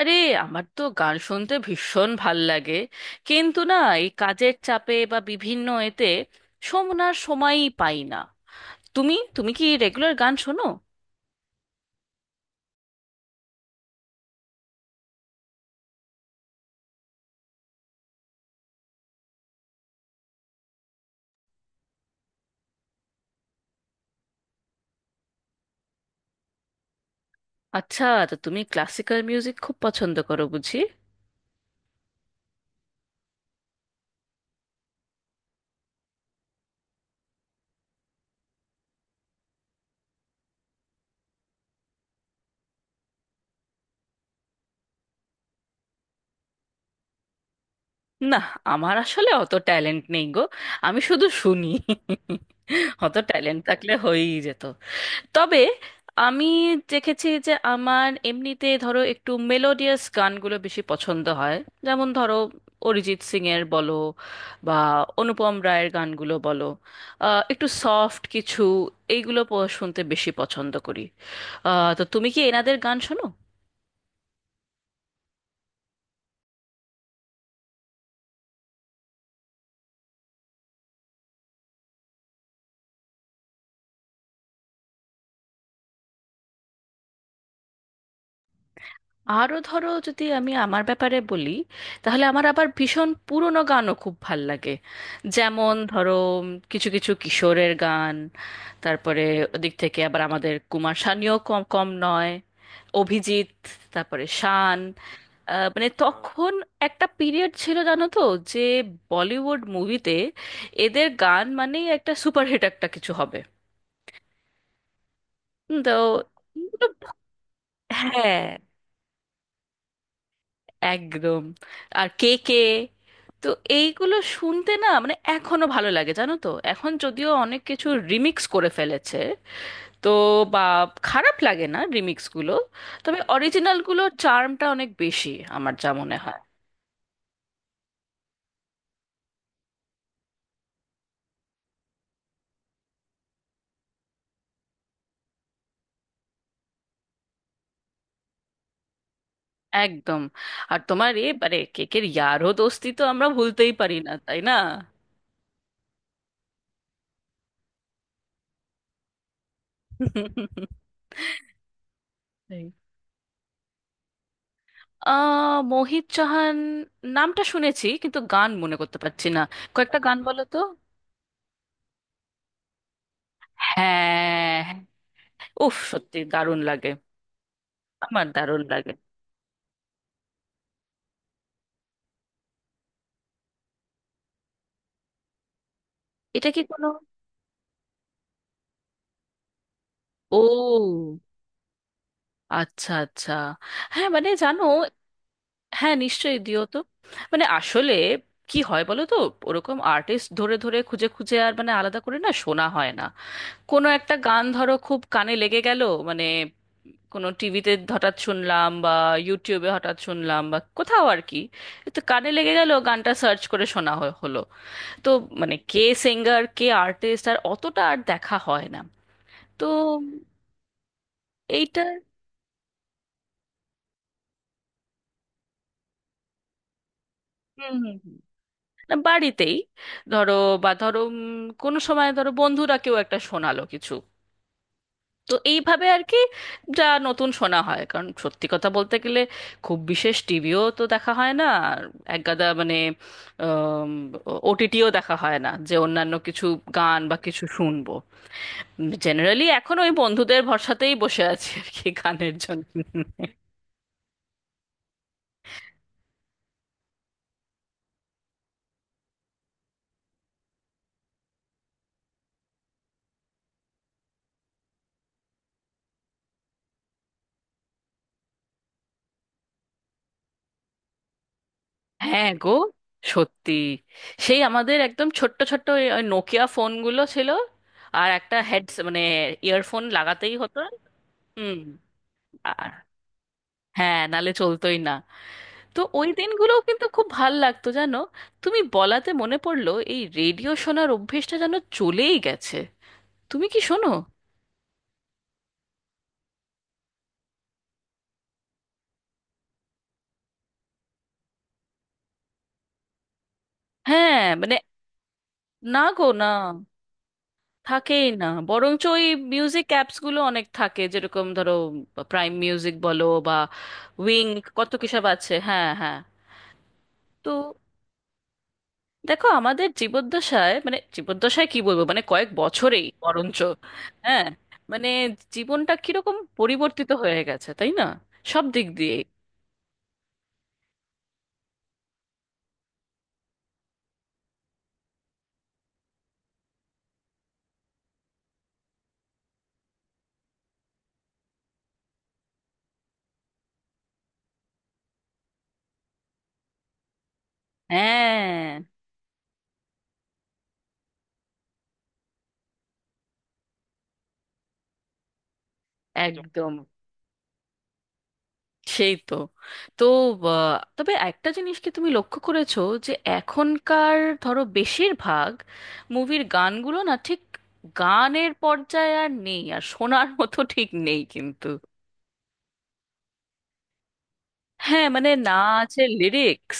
আরে, আমার তো গান শুনতে ভীষণ ভাল লাগে, কিন্তু না, এই কাজের চাপে বা বিভিন্ন এতে শোনার সময়ই পাই না। তুমি তুমি কি রেগুলার গান শোনো? আচ্ছা, তো তুমি ক্লাসিক্যাল মিউজিক খুব পছন্দ করো বুঝি? না, আমার আসলে অত ট্যালেন্ট নেই গো। আমি শুধু শুনি। অত ট্যালেন্ট থাকলে হয়েই যেত। তবে আমি দেখেছি যে আমার এমনিতে ধরো একটু মেলোডিয়াস গানগুলো বেশি পছন্দ হয়। যেমন ধরো, অরিজিৎ সিং এর বলো, বা অনুপম রায়ের গানগুলো বলো, একটু সফট কিছু। এইগুলো শুনতে বেশি পছন্দ করি। তো তুমি কি এনাদের গান শোনো? আরও ধরো, যদি আমি আমার ব্যাপারে বলি, তাহলে আমার আবার ভীষণ পুরনো গানও খুব ভাল লাগে। যেমন ধরো, কিছু কিছু কিশোরের গান, তারপরে ওদিক থেকে আবার আমাদের কুমার শানুও কম কম নয়, অভিজিৎ, তারপরে শান। মানে তখন একটা পিরিয়ড ছিল জানো তো, যে বলিউড মুভিতে এদের গান মানেই একটা সুপারহিট একটা কিছু হবে। তো এগুলো-, হ্যাঁ একদম, আর কে কে। তো এইগুলো শুনতে না, মানে এখনো ভালো লাগে জানো তো, এখন যদিও অনেক কিছু রিমিক্স করে ফেলেছে। তো বা খারাপ লাগে না রিমিক্স গুলো, তবে অরিজিনাল গুলো চার্মটা অনেক বেশি, আমার যা মনে হয়। একদম। আর তোমার এ মানে কেকের ইয়ারও দোস্তি তো আমরা ভুলতেই পারি না, তাই না? তাই। মোহিত চাহান, নামটা শুনেছি কিন্তু গান মনে করতে পারছি না। কয়েকটা গান বলো তো। হ্যাঁ। উফ, সত্যি দারুণ লাগে। আমার দারুণ লাগে। এটা কি কোনো, ও, আচ্ছা আচ্ছা। হ্যাঁ মানে জানো, হ্যাঁ নিশ্চয়ই দিও তো। মানে আসলে কি হয় বলো তো, ওরকম আর্টিস্ট ধরে ধরে খুঁজে খুঁজে আর মানে আলাদা করে না শোনা হয় না। কোনো একটা গান ধরো খুব কানে লেগে গেল, মানে কোনো টিভিতে হঠাৎ শুনলাম বা ইউটিউবে হঠাৎ শুনলাম বা কোথাও আর কি। তো কানে লেগে গেল, গানটা সার্চ করে শোনা হলো। তো মানে কে, সিঙ্গার কে আর্টিস্ট আর অতটা আর দেখা হয় না। তো এইটা। হুম হুম হুম। না, বাড়িতেই ধরো, বা ধরো কোনো সময় ধরো বন্ধুরা কেউ একটা শোনালো কিছু। তো এইভাবে আর কি যা নতুন শোনা হয়, কারণ সত্যি কথা বলতে গেলে খুব বিশেষ টিভিও তো দেখা হয় না, আর একগাদা মানে ওটিটিও দেখা হয় না, যে অন্যান্য কিছু গান বা কিছু শুনবো। জেনারেলি এখন ওই বন্ধুদের ভরসাতেই বসে আছি আর কি, গানের জন্য। হ্যাঁ গো, সত্যি। সেই আমাদের একদম ছোট্ট ছোট্ট ওই ওই নোকিয়া ফোনগুলো ছিল, আর একটা হেডস মানে ইয়ারফোন লাগাতেই হতো। হুম। আর হ্যাঁ, নালে চলতোই না। তো ওই দিনগুলো কিন্তু খুব ভাল লাগতো জানো। তুমি বলাতে মনে পড়লো, এই রেডিও শোনার অভ্যেসটা যেন চলেই গেছে। তুমি কি শোনো? হ্যাঁ মানে, না গো না, থাকেই না। বরঞ্চ ওই মিউজিক অ্যাপস গুলো অনেক থাকে, যেরকম ধরো প্রাইম মিউজিক বলো বা উইং, কত কিসব আছে, হ্যাঁ হ্যাঁ। তো দেখো আমাদের জীবদ্দশায়, মানে জীবদ্দশায় কি বলবো, মানে কয়েক বছরেই বরঞ্চ, হ্যাঁ মানে জীবনটা কিরকম পরিবর্তিত হয়ে গেছে তাই না, সব দিক দিয়ে। হ্যাঁ, যখন একদম, সেই তো। তো তবে একটা জিনিস কি তুমি লক্ষ্য করেছো, যে এখনকার ধরো বেশিরভাগ মুভির গানগুলো না ঠিক গানের পর্যায়ে আর নেই, আর শোনার মতো ঠিক নেই কিন্তু। হ্যাঁ মানে, না আছে লিরিক্স,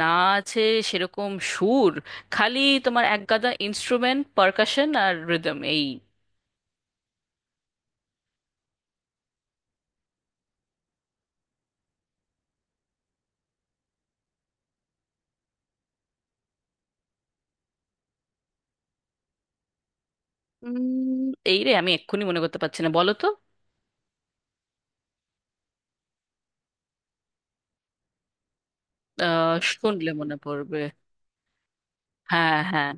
না আছে সেরকম সুর, খালি তোমার একগাদা ইনস্ট্রুমেন্ট পারকাশন আর রিদম এই। উম, এই রে আমি এক্ষুনি মনে করতে পারছি না বলো তো। শুনলে মনে পড়বে। হ্যাঁ হ্যাঁ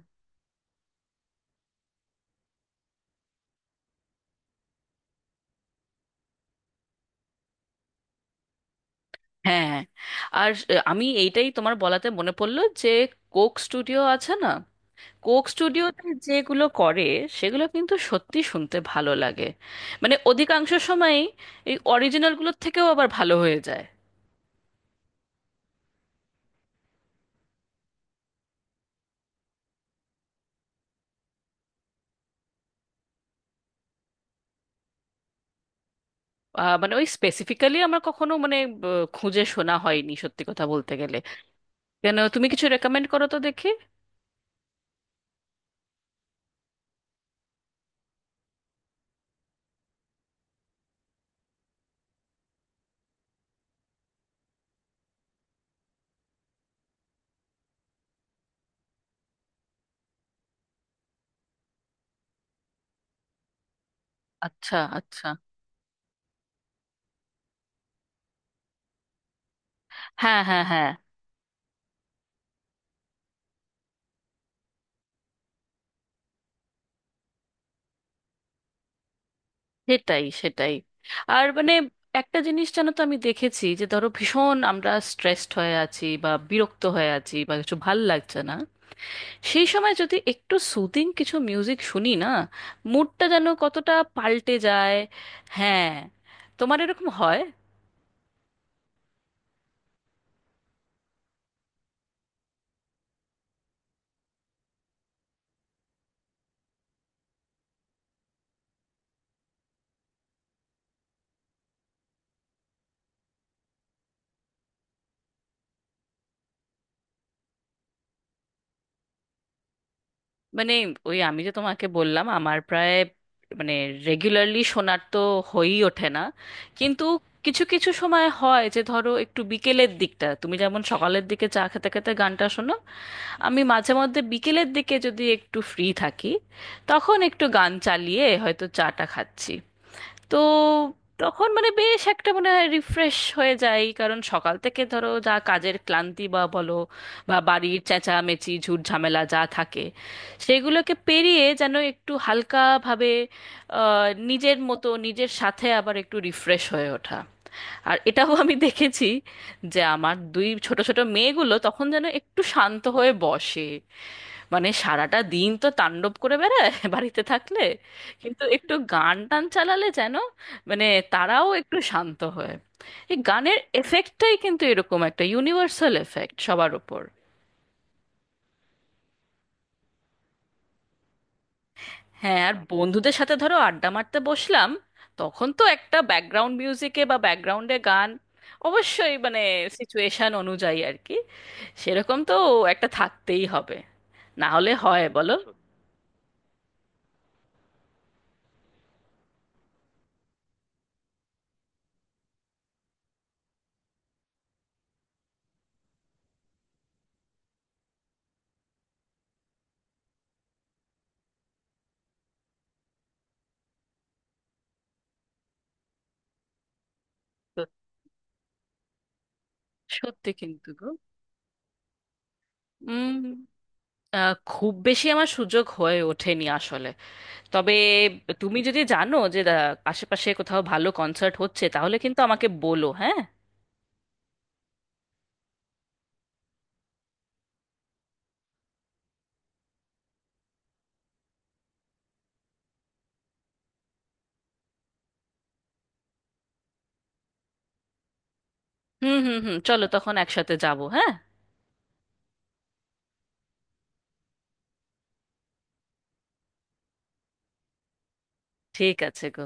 হ্যাঁ হ্যাঁ। আর আমি এইটাই তোমার বলাতে মনে পড়লো, যে কোক স্টুডিও আছে না, কোক স্টুডিওতে যেগুলো করে সেগুলো কিন্তু সত্যি শুনতে ভালো লাগে, মানে অধিকাংশ সময়ই এই অরিজিনালগুলোর থেকেও আবার ভালো হয়ে যায়। মানে ওই স্পেসিফিক্যালি আমার কখনো মানে খুঁজে শোনা হয়নি, সত্যি কথা বলতে গেলে। কেন, তুমি কিছু রেকমেন্ড করো তো দেখি। আচ্ছা আচ্ছা। হ্যাঁ হ্যাঁ হ্যাঁ। সেটাই সেটাই। আর মানে একটা জিনিস জানো তো, আমি দেখেছি যে ধরো ভীষণ আমরা স্ট্রেসড হয়ে আছি বা বিরক্ত হয়ে আছি বা কিছু ভাল লাগছে না, সেই সময় যদি একটু সুদিং কিছু মিউজিক শুনি না, মুডটা যেন কতটা পাল্টে যায়। হ্যাঁ, তোমার এরকম হয়? মানে ওই আমি যে তোমাকে বললাম, আমার প্রায় মানে রেগুলারলি শোনার তো হয়েই ওঠে না, কিন্তু কিছু কিছু সময় হয় যে ধরো একটু বিকেলের দিকটা, তুমি যেমন সকালের দিকে চা খেতে খেতে গানটা শোনো, আমি মাঝে মধ্যে বিকেলের দিকে যদি একটু ফ্রি থাকি, তখন একটু গান চালিয়ে হয়তো চাটা খাচ্ছি। তো তখন মানে বেশ একটা মানে রিফ্রেশ হয়ে যায়, কারণ সকাল থেকে ধরো যা কাজের ক্লান্তি বা বলো, বা বাড়ির চেঁচামেচি ঝুট ঝামেলা যা থাকে, সেগুলোকে পেরিয়ে যেন একটু হালকাভাবে নিজের মতো নিজের সাথে আবার একটু রিফ্রেশ হয়ে ওঠা। আর এটাও আমি দেখেছি, যে আমার দুই ছোট ছোট মেয়েগুলো তখন যেন একটু শান্ত হয়ে বসে। মানে সারাটা দিন তো তাণ্ডব করে বেড়ায় বাড়িতে থাকলে, কিন্তু একটু গান টান চালালে যেন মানে তারাও একটু শান্ত হয়। এই গানের এফেক্টটাই কিন্তু এরকম, একটা ইউনিভার্সাল এফেক্ট সবার ওপর। হ্যাঁ, আর বন্ধুদের সাথে ধরো আড্ডা মারতে বসলাম, তখন তো একটা ব্যাকগ্রাউন্ড মিউজিকে বা ব্যাকগ্রাউন্ডে গান অবশ্যই, মানে সিচুয়েশন অনুযায়ী আর কি, সেরকম তো একটা থাকতেই হবে, না হলে হয় বলো? সত্যি তো। সত্যি কিন্তু গো। উম খুব বেশি আমার সুযোগ হয়ে ওঠেনি আসলে। তবে তুমি যদি জানো যে আশেপাশে কোথাও ভালো কনসার্ট হচ্ছে, তাহলে কিন্তু আমাকে বলো হ্যাঁ। হুম হুম হুম, চলো তখন একসাথে যাবো হ্যাঁ। ঠিক আছে গো।